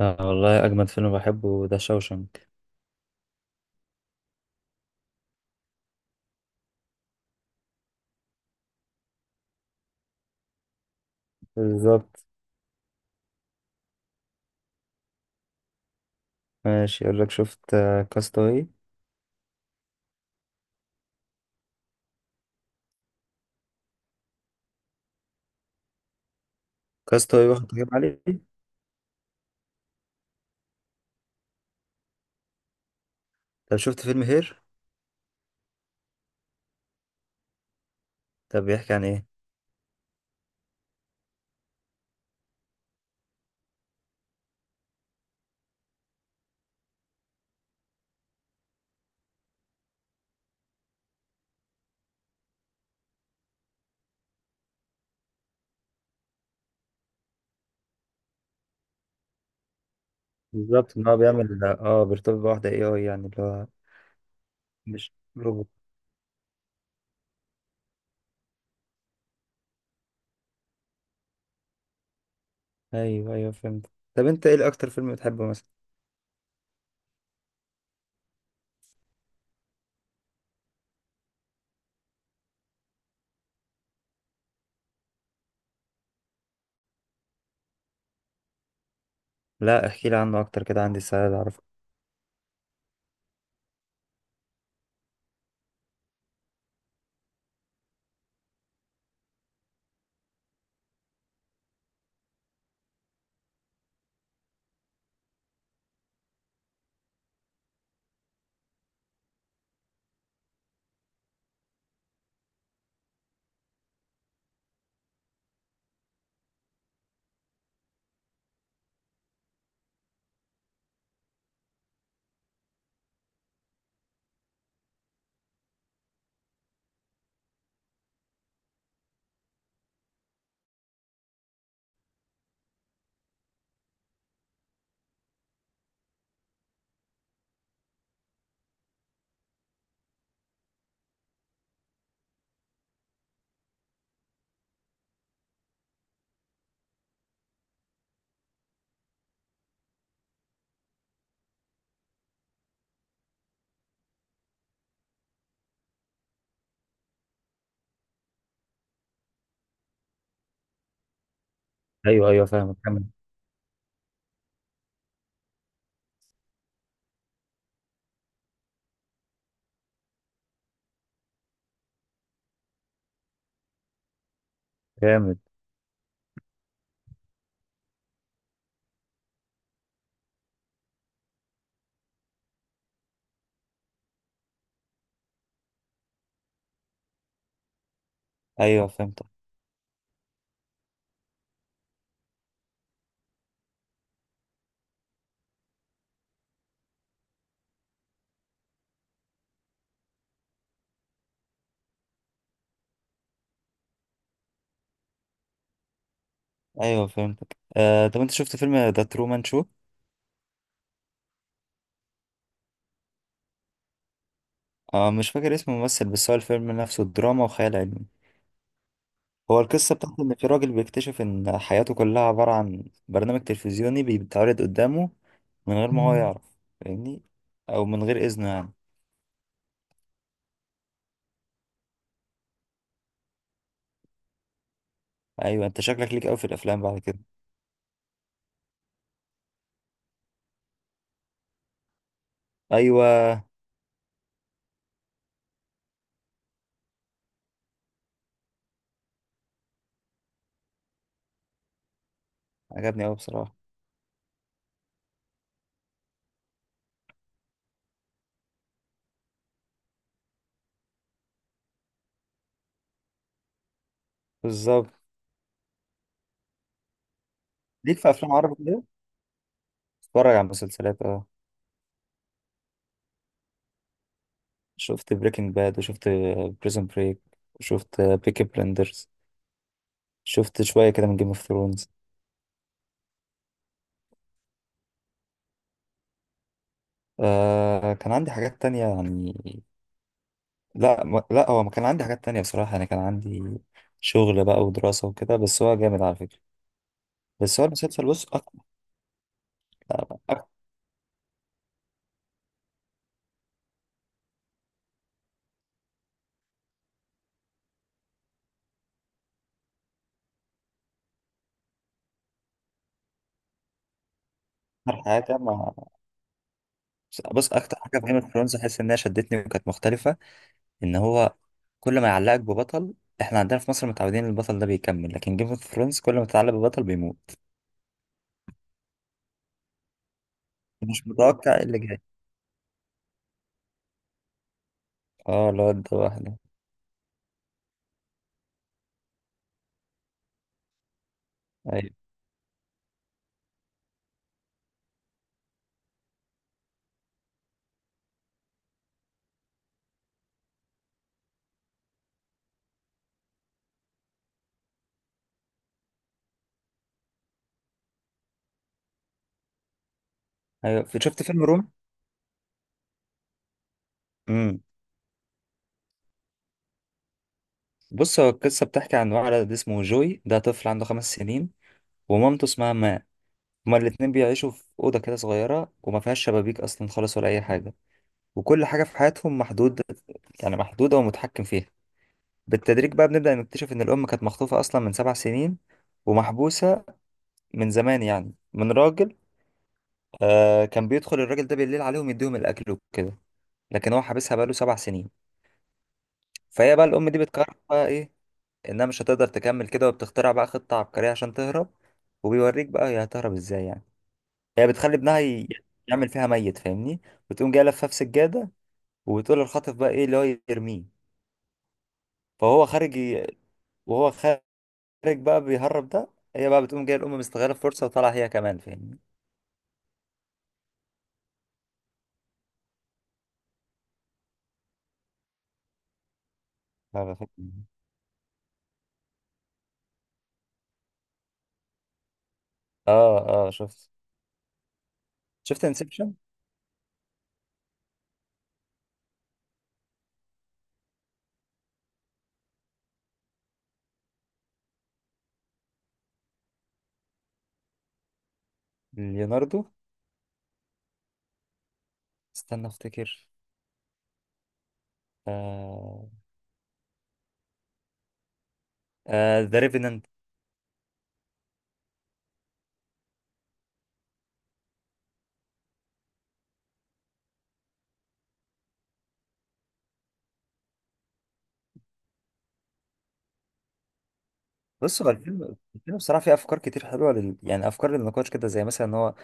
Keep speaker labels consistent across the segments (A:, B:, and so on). A: آه والله أجمد فيلم بحبه ده شوشنك. بالظبط. ماشي، يقول لك شفت كاستاوي. كاستاوي واخد تقييم عالي. طب شفت فيلم هير؟ طب بيحكي عن إيه؟ بالظبط، إن هو بيعمل بيرتبط بواحدة اي اي، يعني اللي هو مش روبوت. أيوه أيوه، فهمت. طب أنت إيه أكتر فيلم بتحبه مثلا؟ لا احكي لي عنه أكتر كده، عندي استعداد أعرفه. أيوه أيوه، فاهمك، كمل. جامد. أيوه فهمتك. أيوه فهمتك. آه طب أنت شفت فيلم ذا ترومان شو؟ آه مش فاكر اسم الممثل، بس هو الفيلم نفسه دراما وخيال علمي. هو القصة بتاعت إن في راجل بيكتشف إن حياته كلها عبارة عن برنامج تلفزيوني بيتعرض قدامه من غير ما هو يعرف، فاهمني، أو من غير إذنه يعني. أيوة أنت شكلك ليك أوي في الأفلام بعد كده. أيوة عجبني أوي بصراحة. بالظبط. ليك في أفلام عربي كده؟ اتفرج على مسلسلات أه. شفت بريكنج باد، وشفت بريزون بريك، وشفت بيكي بلندرز، شفت شوية كده من جيم اوف ثرونز. آه كان عندي حاجات تانية يعني. لا لا هو ما كان عندي حاجات تانية بصراحة، أنا كان عندي شغل بقى ودراسة وكده، بس هو جامد على فكرة. بس هو المسلسل بص أكتر. أكتر حاجة ما بص أكتر حاجة في جيم اوف ثرونز أحس إنها شدتني وكانت مختلفة، إن هو كل ما يعلقك ببطل، إحنا عندنا في مصر متعودين إن البطل ده بيكمل، لكن جيم اوف ثرونز كل ما تتعلق ببطل بيموت. مش متوقع إيه اللي جاي. أه الواد ده واحدة. أيوه أيوه. شفت فيلم روم؟ امم. بص هو القصة بتحكي عن ولد اسمه جوي، ده طفل عنده 5 سنين، ومامته اسمها ماري. هما الاتنين بيعيشوا في أوضة كده صغيرة، وما فيهاش شبابيك أصلا خالص ولا أي حاجة، وكل حاجة في حياتهم محدود، يعني محدودة ومتحكم فيها. بالتدريج بقى بنبدأ نكتشف إن الأم كانت مخطوفة أصلا من 7 سنين ومحبوسة من زمان، يعني من راجل. آه كان بيدخل الراجل ده بالليل عليهم يديهم الأكل وكده، لكن هو حابسها بقاله 7 سنين. فهي بقى الأم دي بتقرر بقى إيه، إنها مش هتقدر تكمل كده، وبتخترع بقى خطة عبقرية عشان تهرب. وبيوريك بقى هي هتهرب إزاي يعني. هي بتخلي ابنها يعمل فيها ميت فاهمني، وتقوم جايه لفاه في سجاده، وتقول للخاطف بقى ايه اللي هو يرميه. فهو وهو خارج بقى بيهرب ده، هي بقى بتقوم جايه الام مستغله الفرصه وطالعه هي كمان، فاهمني. لا، بفكر. اه اه شفت. شفت انسبشن. ليوناردو؟ استنى افتكر. آه. آه ذا ريفينانت. بص هو الفيلم بصراحه فيه افكار كتير حلوه لل... يعني افكار للنقاش كده، زي مثلا ان هو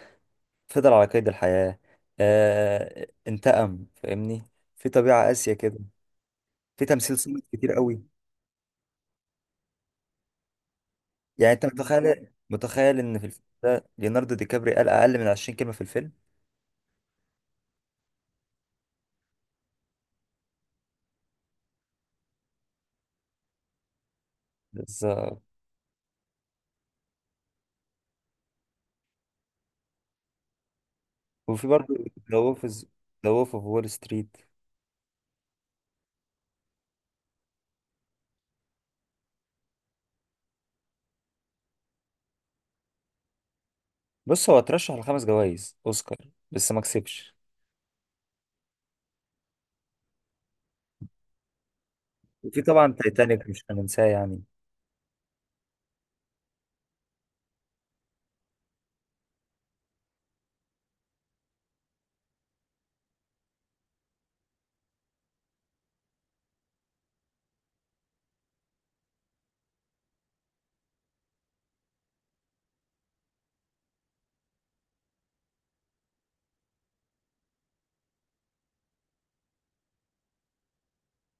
A: فضل على قيد الحياه، آه انتقم، فاهمني. في طبيعه قاسيه كده. في تمثيل صامت كتير قوي. يعني انت متخيل ان في الفيلم ده ليوناردو دي كابري قال اقل من 20 كلمه في الفيلم بس. وفي برضه ذا وولف اوف وول ستريت. بص هو اترشح لخمس جوائز اوسكار بس ما كسبش. وفي طبعا تايتانيك مش هننساه يعني.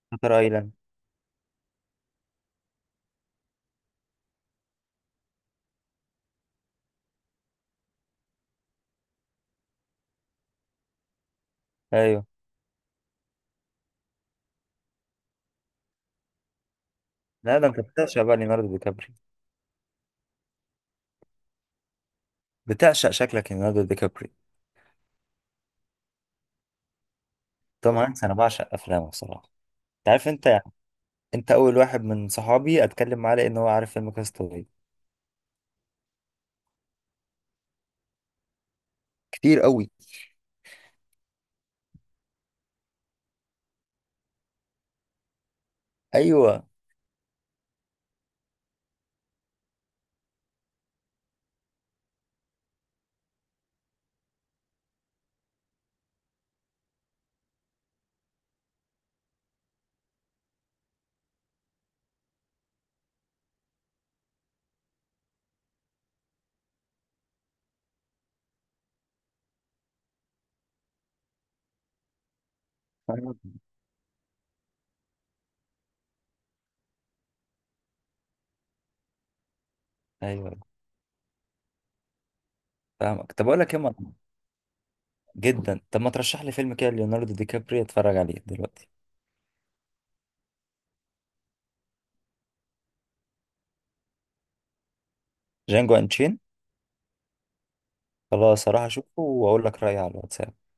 A: شاتر ايلاند. ايوه. لا ده انت بتعشق بقى ليوناردو دي كابري. بتعشق شكلك ليوناردو دي كابري. توم هانكس انا بعشق افلامه بصراحه. انت عارف انت يعني، انت اول واحد من صحابي اتكلم معاه لان هو عارف فيلم كاستاوي. كتير قوي. ايوه ايوه فاهمك. طب اقول لك ايه جدا، طب ما ترشح لي فيلم كده ليوناردو دي كابري اتفرج عليه دلوقتي. جانجو انشين. خلاص هروح اشوفه واقول لك رايي على الواتساب.